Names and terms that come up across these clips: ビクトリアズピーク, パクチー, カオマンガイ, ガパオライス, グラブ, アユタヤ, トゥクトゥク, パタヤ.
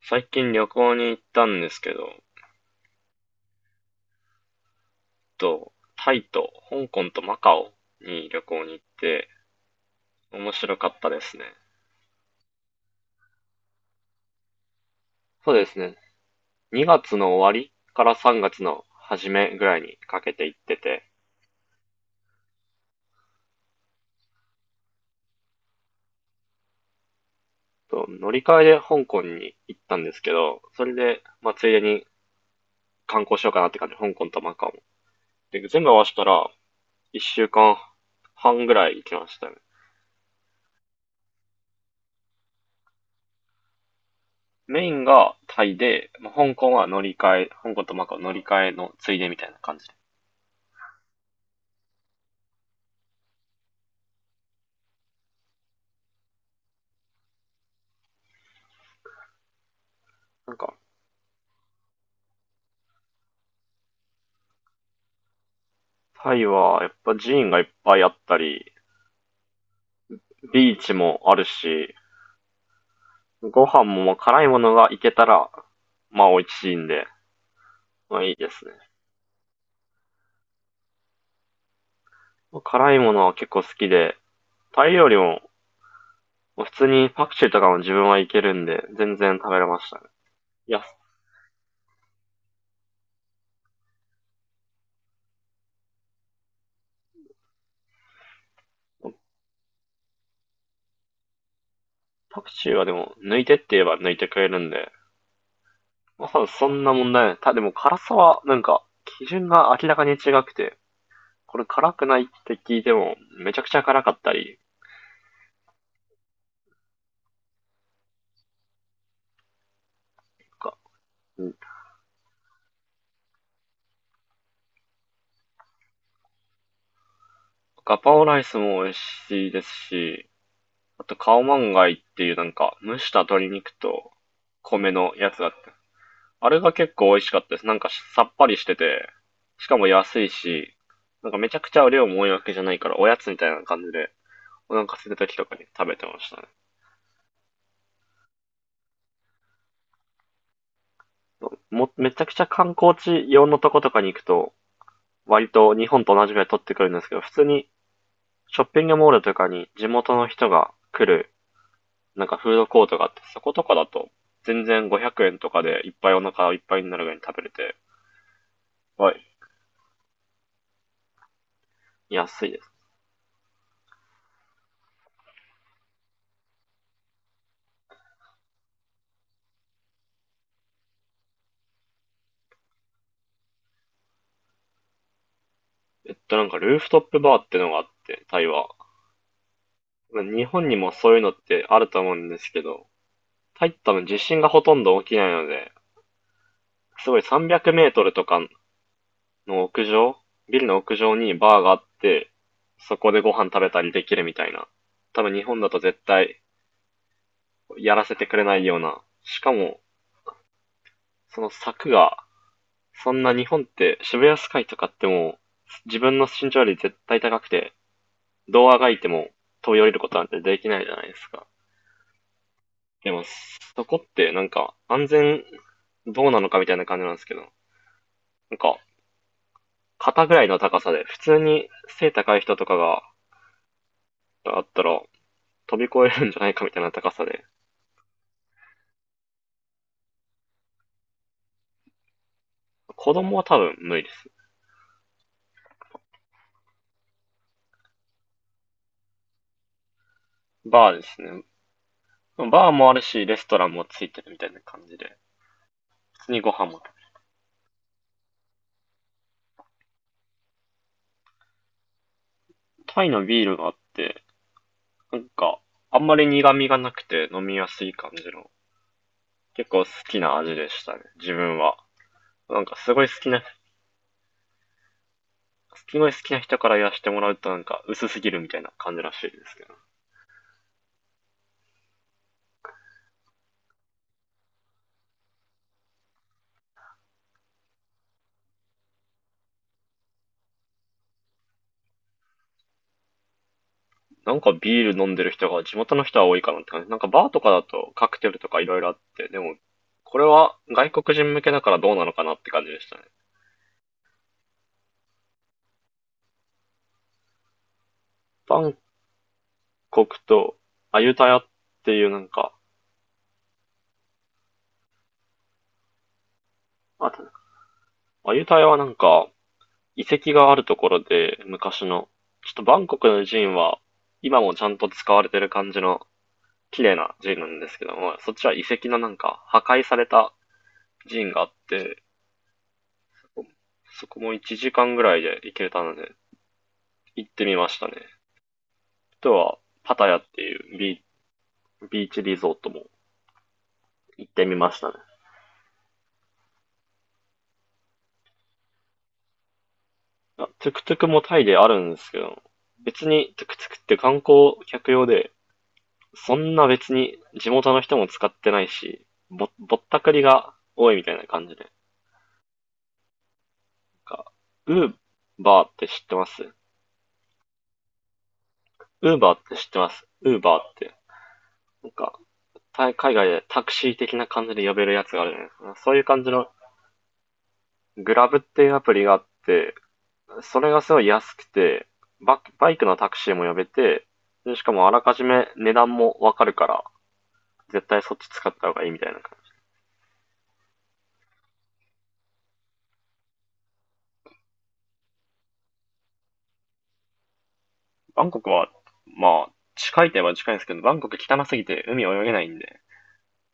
最近旅行に行ったんですけど、タイと香港とマカオに旅行に行って面白かったですね。そうですね。2月の終わりから3月の初めぐらいにかけて行ってて、乗り換えで香港に行ったんですけど、それで、まあ、ついでに観光しようかなって感じ、香港とマカオ。で、全部合わせたら1週間半ぐらい行きましたね。メインがタイで、まあ香港は乗り換え、香港とマカオ乗り換えのついでみたいな感じで。なんか、タイは、やっぱ寺院がいっぱいあったり、ビーチもあるし、ご飯も辛いものがいけたら、まあ美味しいんで、まあいいですね。辛いものは結構好きで、タイ料理も、普通にパクチーとかも自分はいけるんで、全然食べれましたね。いや、パクチーはでも、抜いてって言えば抜いてくれるんで、まあ多分そんな問題ない。でも辛さは、なんか、基準が明らかに違くて、これ辛くないって聞いても、めちゃくちゃ辛かったり、とか。ガパオライスも美味しいですし、あとカオマンガイっていうなんか蒸した鶏肉と米のやつがあって、あれが結構美味しかったです。なんかさっぱりしてて、しかも安いし、なんかめちゃくちゃ量も多いわけじゃないからおやつみたいな感じでお腹空いた時とかに食べてましたね。めちゃくちゃ観光地用のとことかに行くと、割と日本と同じぐらい取ってくるんですけど、普通にショッピングモールとかに地元の人が来るなんかフードコートがあって、そことかだと、全然500円とかでいっぱいお腹いっぱいになるぐらいに食べれて、はい。安いです。なんかルーフトップバーってのがあって、タイは。日本にもそういうのってあると思うんですけど、タイって多分地震がほとんど起きないので、すごい300メートルとかの屋上、ビルの屋上にバーがあって、そこでご飯食べたりできるみたいな。多分日本だと絶対やらせてくれないような。しかも、その柵がそんな日本って渋谷スカイとかってもう自分の身長より絶対高くて、どうあがいても飛び降りることなんてできないじゃないですか。でも、そこってなんか安全どうなのかみたいな感じなんですけど、なんか肩ぐらいの高さで、普通に背高い人とかがあったら飛び越えるんじゃないかみたいな高さで、子供は多分無理です。バーですね。バーもあるし、レストランもついてるみたいな感じで、普通にご飯も。タイのビールがあって、なんか、あんまり苦味がなくて飲みやすい感じの、結構好きな味でしたね、自分は。なんかすごい好きな人からやしてもらうとなんか薄すぎるみたいな感じらしいですけど。なんかビール飲んでる人が地元の人は多いかなって感じ。なんかバーとかだとカクテルとかいろいろあって、でも、これは外国人向けだからどうなのかなって感じでしたね。バンコクとアユタヤっていうなんか、あと、アユタヤはなんか、遺跡があるところで、昔の。ちょっとバンコクの寺院は、今もちゃんと使われてる感じの綺麗な寺院なんですけども、そっちは遺跡のなんか破壊された寺院があって、そこも1時間ぐらいで行けたので、行ってみましたね。あとは、パタヤっていうビーチリゾートも行ってみましたね。トゥクトゥクもタイであるんですけど、別にトゥクトゥクって観光客用で、そんな別に地元の人も使ってないし、ぼったくりが多いみたいな感じで。なんか、ウーバーって知ってます？ウーバーって。なんか、海外でタクシー的な感じで呼べるやつがあるじゃないですか。そういう感じのグラブっていうアプリがあって、それがすごい安くて、バイクのタクシーも呼べて、でしかもあらかじめ値段もわかるから、絶対そっち使った方がいいみたいな。バンコクは、まあ、近いといえば近いんですけど、バンコク汚すぎて海泳げないんで、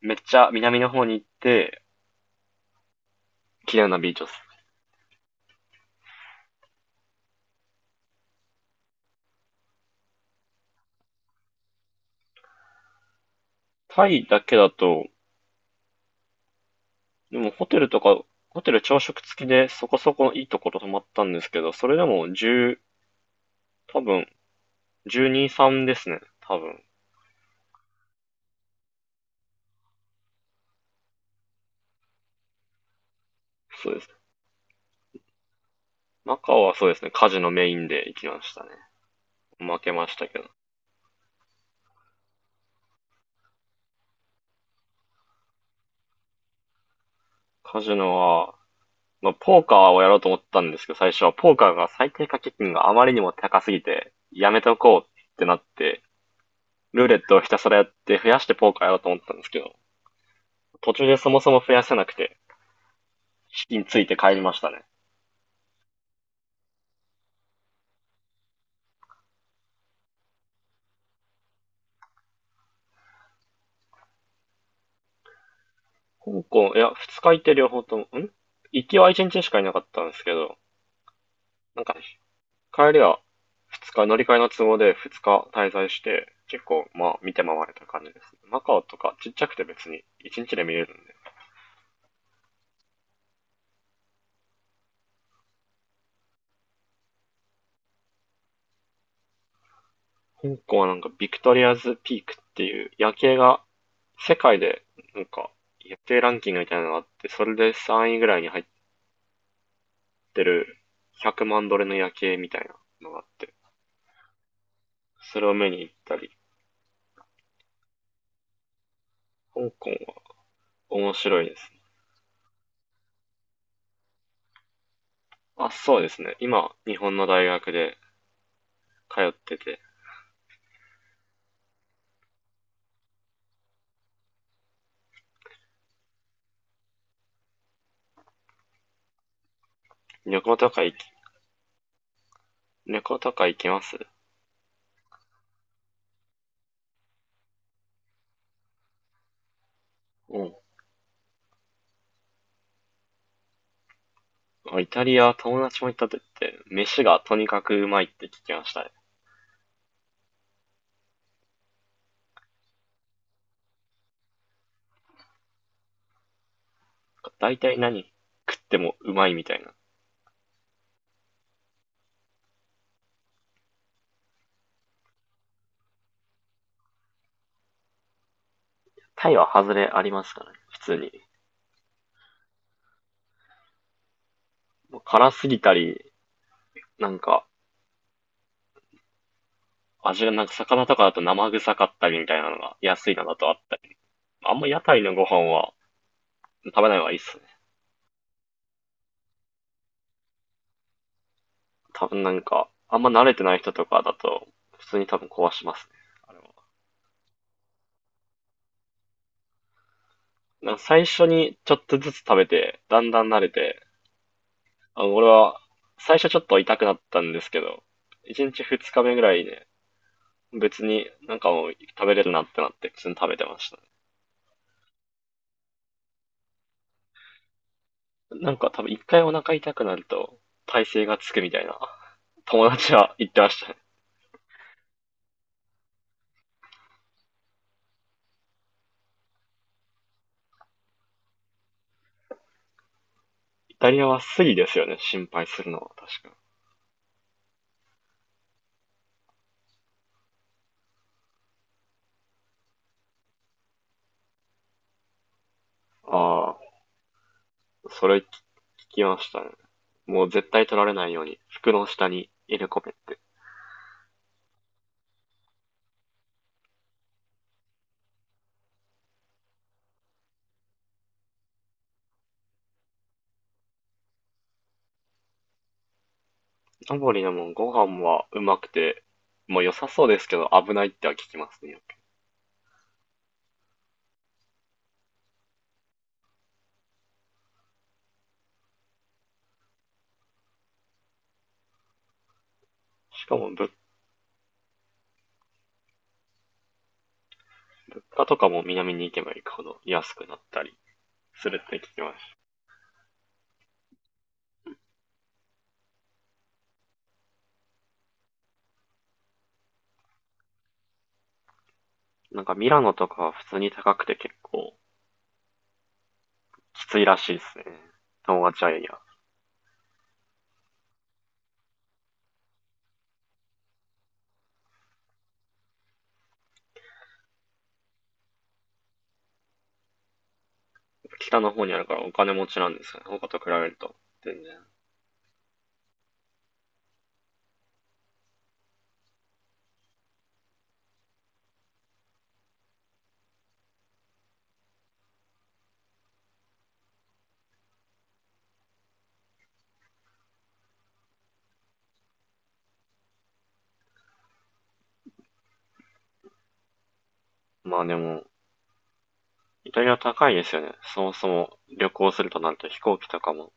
めっちゃ南の方に行って、綺麗なビーチです。タイだけだと、でもホテルとか、ホテル朝食付きでそこそこいいところ泊まったんですけど、それでも10、多分、12、3ですね。多分。そうです。マカオはそうですね、カジノメインで行きましたね。負けましたけど。カジノは、まあ、ポーカーをやろうと思ったんですけど、最初はポーカーが最低掛け金があまりにも高すぎて、やめとこうってなって、ルーレットをひたすらやって増やしてポーカーやろうと思ったんですけど、途中でそもそも増やせなくて、資金ついて帰りましたね。香港、いや、二日いて両方とも、行きは一日しかいなかったんですけど、なんか、帰りは二日、乗り換えの都合で二日滞在して、結構、まあ、見て回れた感じです。マカオとかちっちゃくて別に一日で見れるんで、香港はなんかビクトリアズピークっていう夜景が世界でなんか夜景ランキングみたいなのがあって、それで3位ぐらいに入ってる100万ドルの夜景みたいなのがあって、それを見に行ったり、香港は面白いですね。あ、そうですね。今、日本の大学で通ってて、旅行とか行き、旅行とか行きます？うん。イタリア、友達も行ったって言って、飯がとにかくうまいって聞きましたね。だいたい何食ってもうまいみたいな。タイは外れありますからね、普通に。もう辛すぎたり、なんか、味がなんか魚とかだと生臭かったりみたいなのが安いのだとあったり。あんま屋台のご飯は食べない方がいいっすね。多分なんか、あんま慣れてない人とかだと、普通に多分壊しますね。あれは。なんか最初にちょっとずつ食べて、だんだん慣れて、俺は最初ちょっと痛くなったんですけど、1日2日目ぐらいで、ね別になんかもう食べれるなってなって、普通に食べてました。なんか多分一回お腹痛くなると耐性がつくみたいな友達は言ってましたね。イタリアはスリですよね、心配するのは確か。ああ、それ聞きましたね。もう絶対取られないように服の下に入れ込めって。ナポリのもんご飯はうまくて、もう良さそうですけど危ないっては聞きますね。しかも物価とかも南に行けば行くほど安くなったりするって聞きました。なんかミラノとかは普通に高くて結構きついらしいですね。友達は北の方にあるからお金持ちなんですよね。他と比べると。全然。まあでも、イタリア高いですよね。そもそも旅行するとなると飛行機とかも。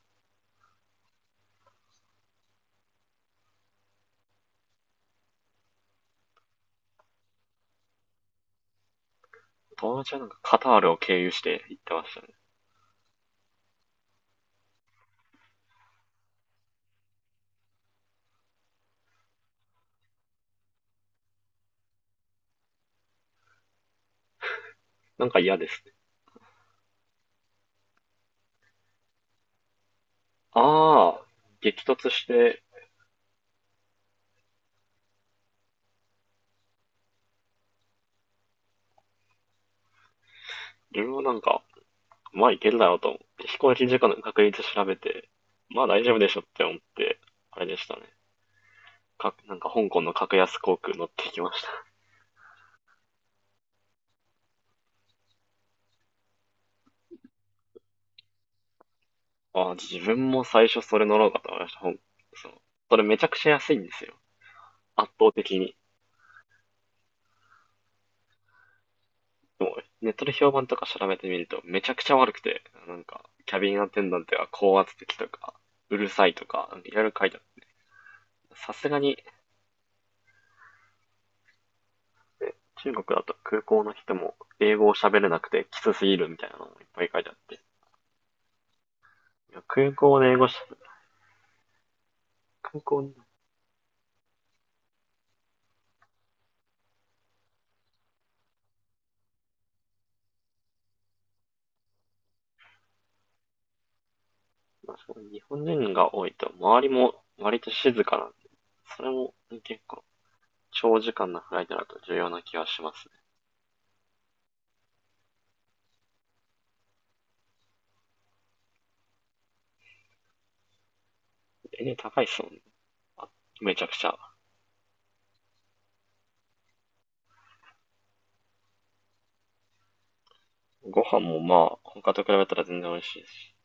友達はなんかカタールを経由して行ってましたね。なんか嫌ですね。ああ、激突して、自分はなんか、まあ行けるだろうと思って、飛行機事故の確率調べて、まあ大丈夫でしょって思って、あれでしたね。なんか香港の格安航空乗ってきました。ああ、自分も最初それ乗ろうかと思いました。そう。それめちゃくちゃ安いんですよ。圧倒的に。もうネットで評判とか調べてみると、めちゃくちゃ悪くて、なんか、キャビンアテンダントは高圧的とか、うるさいとか、いろいろ書いてある。さすがに、ね中国だと空港の人も英語を喋れなくてきつすぎるみたいなのもいっぱい書いてあって。いや空港で英語し、空港に、まあ、日本人が多いと、周りも割と静かなんで、それも結構、長時間のフライトだと重要な気がしますね。高いっすもんね。めちゃくちゃ。ご飯もまあ、他と比べたら全然美味しいし。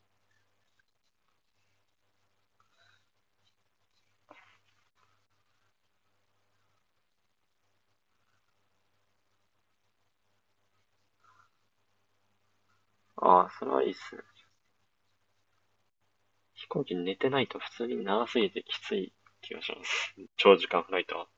ああ、それはいいっすね。飛行機寝てないと普通に長すぎてきつい気がします。長時間フライトは。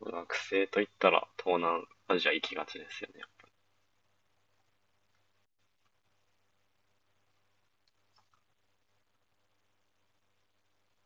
学生といったら東南アジア行きがちですよね。